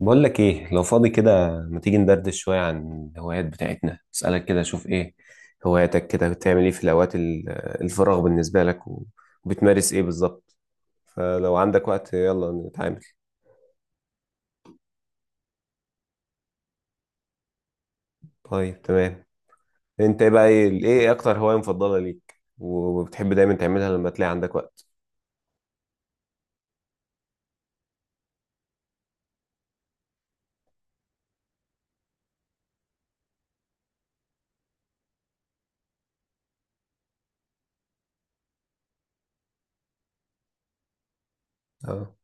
بقول لك ايه، لو فاضي كده ما تيجي ندردش شوية عن الهوايات بتاعتنا؟ اسألك كده شوف ايه هواياتك. كده بتعمل ايه في الفراغ بالنسبة لك، وبتمارس ايه بالظبط؟ فلو عندك وقت يلا نتعامل. طيب تمام. انت ايه بقى ايه اكتر هواية مفضلة ليك وبتحب دايما تعملها لما تلاقي عندك وقت؟ اه،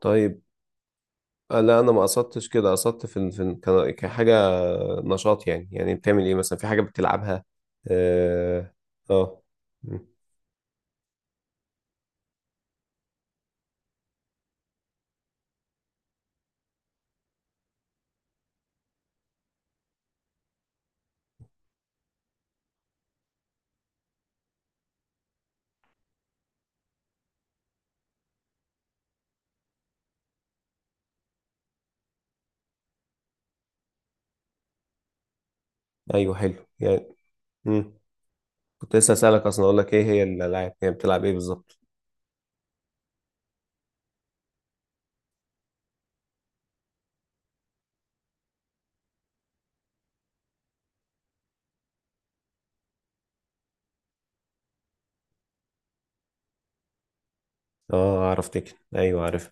طيب. لا انا ما قصدتش كده، قصدت كحاجة نشاط، يعني يعني بتعمل ايه مثلا، في حاجة بتلعبها؟ اه. آه. ايوه، حلو يعني. امم كنت لسه اسالك اصلا، اقول لك ايه هي الالعاب، هي بتلعب ايه بالظبط؟ اه اعرف تكن، ايوه عارف.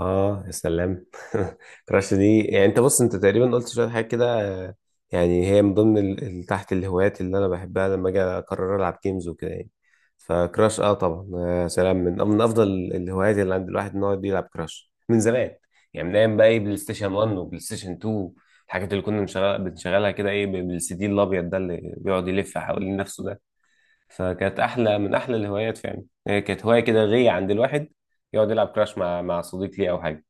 اه، يا سلام. كراش دي يعني، انت بص انت تقريبا قلت شويه حاجات كده. يعني هي من ضمن تحت الهوايات اللي انا بحبها لما اجي اقرر العب جيمز وكده يعني. فكراش اه طبعا، يا سلام، من افضل الهوايات اللي عند الواحد ان هو يلعب كراش من زمان. يعني من ايام بقى ايه بلاي ستيشن 1 وبلاي ستيشن 2، الحاجات اللي كنا بنشغلها كده ايه بالسي دي الابيض ده اللي بيقعد يلف حوالين نفسه ده. فكانت احلى من احلى الهوايات فعلا، هي كانت هوايه كده غيه عند الواحد، يقعد يلعب كراش مع صديق ليه او حاجه.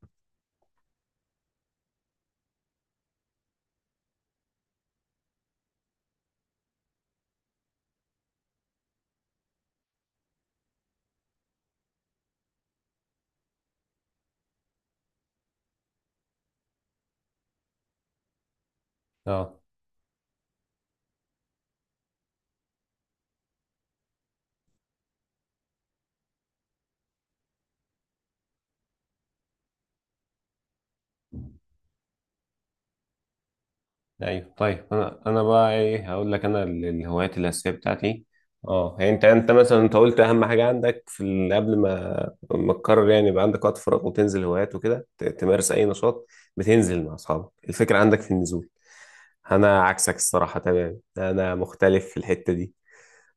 اه، ايوه. طيب انا انا بقى ايه هقول لك انا الهوايات الاساسيه بتاعتي. اه يعني انت مثلا انت قلت اهم حاجه عندك في قبل ما تقرر يعني يبقى عندك وقت فراغ وتنزل هوايات وكده تمارس اي نشاط، بتنزل مع اصحابك، الفكره عندك في النزول. انا عكسك الصراحه تمام، انا مختلف في الحته دي.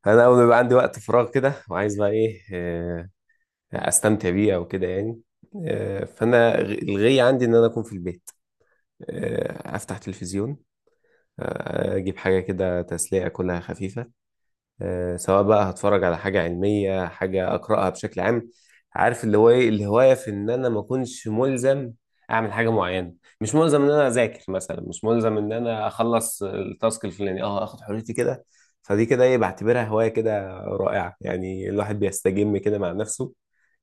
انا اول ما يبقى عندي وقت فراغ كده وعايز بقى ايه استمتع بيه او كده يعني. فانا الغي عندي ان انا اكون في البيت، افتح تلفزيون، اجيب حاجه كده تسليه كلها خفيفه، سواء بقى هتفرج على حاجه علميه، حاجه اقراها بشكل عام. عارف اللي هو ايه الهوايه في ان انا ما اكونش ملزم اعمل حاجه معينه، مش ملزم ان انا اذاكر مثلا، مش ملزم ان انا اخلص التاسك الفلاني، اه اخد حريتي كده. فدي كده ايه بعتبرها هوايه كده رائعه، يعني الواحد بيستجم كده مع نفسه،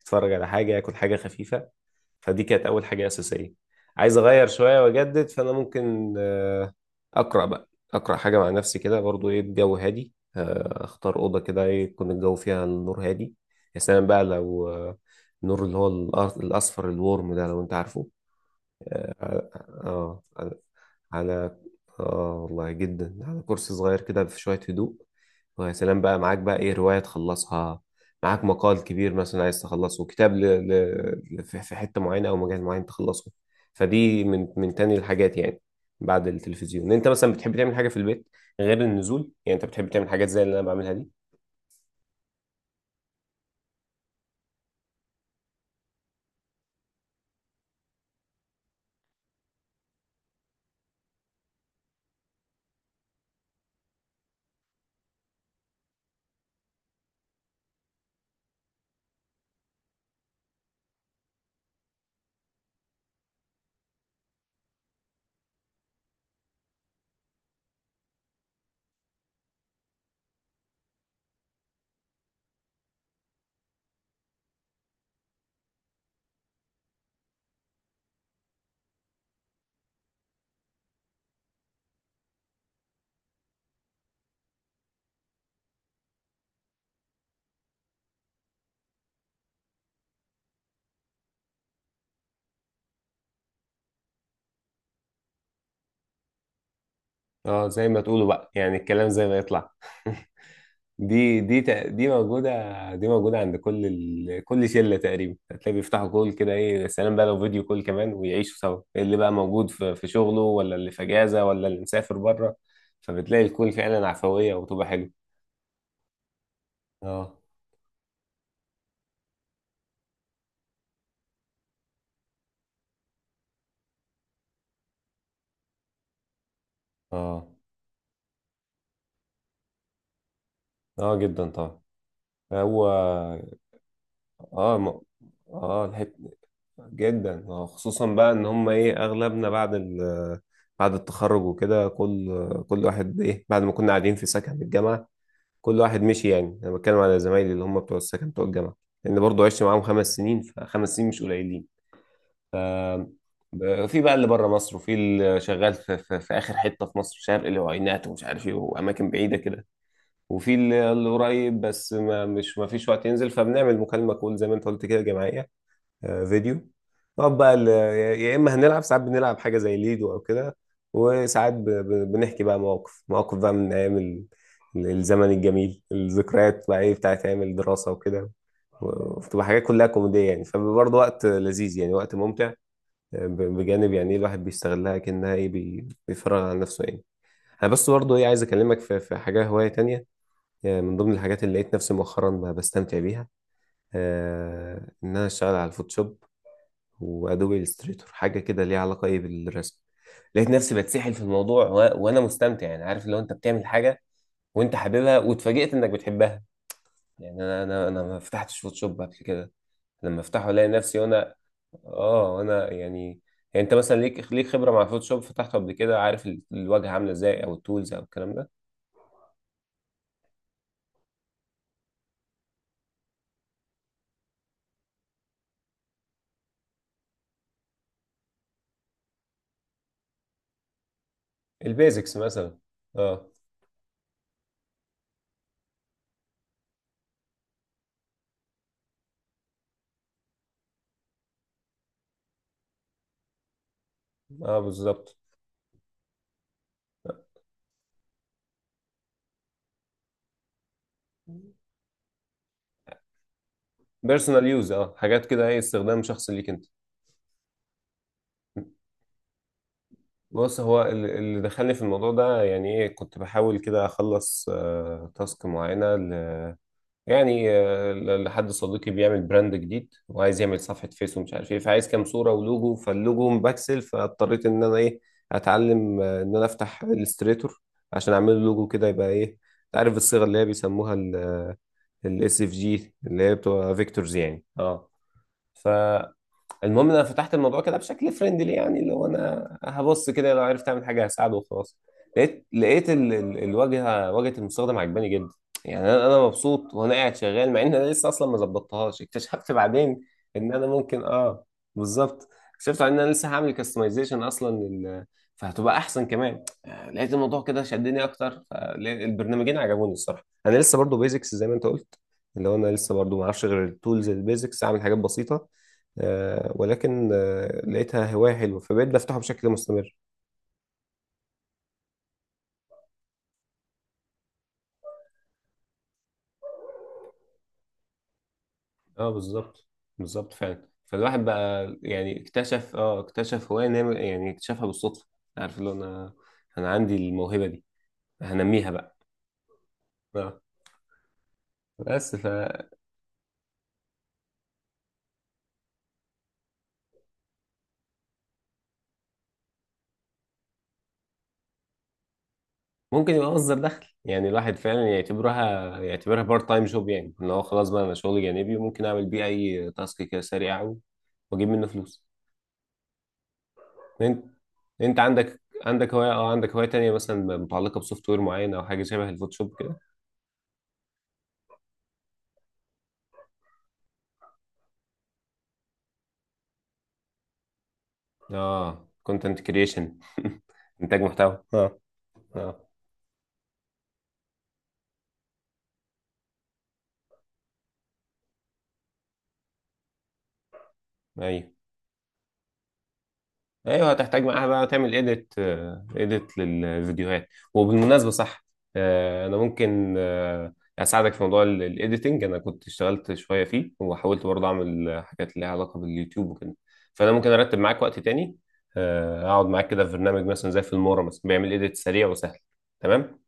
يتفرج على حاجه، ياكل حاجه خفيفه. فدي كانت اول حاجه اساسيه. عايز اغير شويه واجدد، فانا ممكن اقرا بقى، حاجه مع نفسي كده، برضو ايه الجو هادي، اختار اوضه كده ايه يكون الجو فيها النور هادي. يا سلام بقى لو النور اللي هو الاصفر الورم ده، لو انت عارفه. اه على، على، اه والله جدا، على كرسي صغير كده في شوية هدوء، ويا سلام بقى معاك بقى ايه رواية تخلصها، معاك مقال كبير مثلا عايز تخلصه، في في حتة معينة او مجال معين تخلصه. فدي من تاني الحاجات يعني. بعد التلفزيون انت مثلا بتحب تعمل حاجة في البيت غير النزول؟ يعني انت بتحب تعمل حاجات زي اللي انا بعملها دي؟ اه، زي ما تقولوا بقى يعني، الكلام زي ما يطلع. دي موجودة، دي موجودة عند كل كل شلة تقريبا، هتلاقي بيفتحوا كول كده ايه، يا سلام بقى لو فيديو كول كمان، ويعيشوا سوا إيه اللي بقى موجود في شغله، ولا اللي في اجازة، ولا اللي مسافر بره. فبتلاقي الكول فعلا عفوية وبتبقى حلوة. اه. اه. اه جدا طبعا. هو اه اه جدا، اه خصوصا بقى ان هم ايه اغلبنا بعد بعد التخرج وكده، كل واحد ايه بعد ما كنا قاعدين في سكن الجامعة، كل واحد مشي يعني. انا بتكلم على زمايلي اللي هم بتوع السكن، بتوع الجامعه، لان برضه عشت معاهم 5 سنين، ف5 سنين مش قليلين. ف في بقى اللي بره مصر، وفي اللي شغال في اخر حته في مصر شرق، اللي هو عينات ومش عارف ايه، واماكن بعيده كده، وفي اللي قريب بس ما مش ما فيش وقت ينزل، فبنعمل مكالمه كول زي ما انت قلت كده جماعيه، فيديو. نقعد بقى يا اما هنلعب، ساعات بنلعب حاجه زي ليدو او كده، وساعات بنحكي بقى مواقف، مواقف بقى من ايام الزمن الجميل، الذكريات بقى ايه بتاعت ايام الدراسه وكده، وبتبقى حاجات كلها كوميديه يعني، فبرضه وقت لذيذ يعني، وقت ممتع. بجانب يعني إيه الواحد بيستغلها كأنها ايه بيفرغ عن نفسه يعني. انا بس برضه ايه عايز اكلمك في حاجه، هوايه تانية. من ضمن الحاجات اللي لقيت نفسي مؤخرا بستمتع بيها، ان انا اشتغل على الفوتوشوب وادوبي الستريتور، حاجه كده ليها علاقه ايه بالرسم. لقيت نفسي بتسحل في الموضوع وانا مستمتع يعني. عارف لو انت بتعمل حاجه وانت حاببها واتفاجئت انك بتحبها؟ يعني انا ما فتحتش فوتوشوب قبل كده، لما افتحه الاقي نفسي وانا اه، وانا يعني. يعني انت مثلا ليك خبره مع الفوتوشوب، فتحته قبل كده، عارف الواجهه عامله ازاي، او التولز او الكلام ده، البيزكس مثلا. اه. اه بالظبط. بيرسونال يوز، اه حاجات كده ايه، استخدام شخصي ليك انت. بص هو اللي دخلني في الموضوع ده يعني ايه، كنت بحاول كده اخلص تاسك معينه يعني لحد صديقي بيعمل براند جديد، وعايز يعمل صفحه فيس ومش عارف ايه، فعايز كام صوره ولوجو، فاللوجو مبكسل، فاضطريت ان انا ايه اتعلم ان انا افتح الستريتور عشان اعمل له لوجو كده يبقى ايه. انت عارف الصيغه اللي هي بيسموها الاس اف جي، اللي هي بتبقى فيكتورز يعني. اه. ف المهم إن انا فتحت الموضوع كده بشكل فريندلي، يعني اللي هو انا هبص كده، لو عرفت اعمل حاجه هساعده وخلاص. لقيت لقيت ال... ال... الواجهه واجهه المستخدم عجباني جدا يعني انا انا مبسوط وانا قاعد شغال، مع ان انا لسه اصلا ما ظبطتهاش. اكتشفت بعدين ان انا ممكن اه، بالظبط، اكتشفت بعدين ان انا لسه هعمل كاستمايزيشن اصلا فهتبقى احسن كمان. لقيت الموضوع كده شدني اكتر، فالبرنامجين عجبوني الصراحه. انا لسه برضو بيزكس زي ما انت قلت، اللي هو انا لسه برضو ما اعرفش غير التولز البيزكس، اعمل حاجات بسيطه. ولكن لقيتها هواية حلوة فبقيت بفتحه بشكل مستمر. اه بالظبط. بالظبط فعلا، فالواحد بقى يعني اكتشف اه، اكتشف هواية نعمل، يعني اكتشفها بالصدفة. عارف اللي هو انا، انا عندي الموهبة دي، هنميها بقى. اه، بس فممكن يبقى مصدر دخل، يعني الواحد فعلا يعتبرها، يعتبرها بارت تايم جوب يعني، ان هو خلاص بقى انا شغلي جانبي وممكن اعمل بيه اي تاسك كده سريع واجيب منه فلوس. انت، انت عندك عندك هواية اه، عندك هواية تانية مثلا متعلقة بسوفت وير معين، او حاجة شبه الفوتوشوب كده؟ اه كونتنت كريشن. انتاج محتوى اه. اه ايوه ايوه، هتحتاج معاها بقى تعمل ايديت، ايديت للفيديوهات. وبالمناسبه صح، انا ممكن اساعدك في موضوع الايديتنج. انا كنت اشتغلت شويه فيه، وحاولت برضه اعمل حاجات ليها علاقه باليوتيوب وكده، فانا ممكن ارتب معاك وقت تاني، اقعد معاك كده في برنامج مثلا زي في المورا، مثلا بيعمل ايديت سريع وسهل. تمام.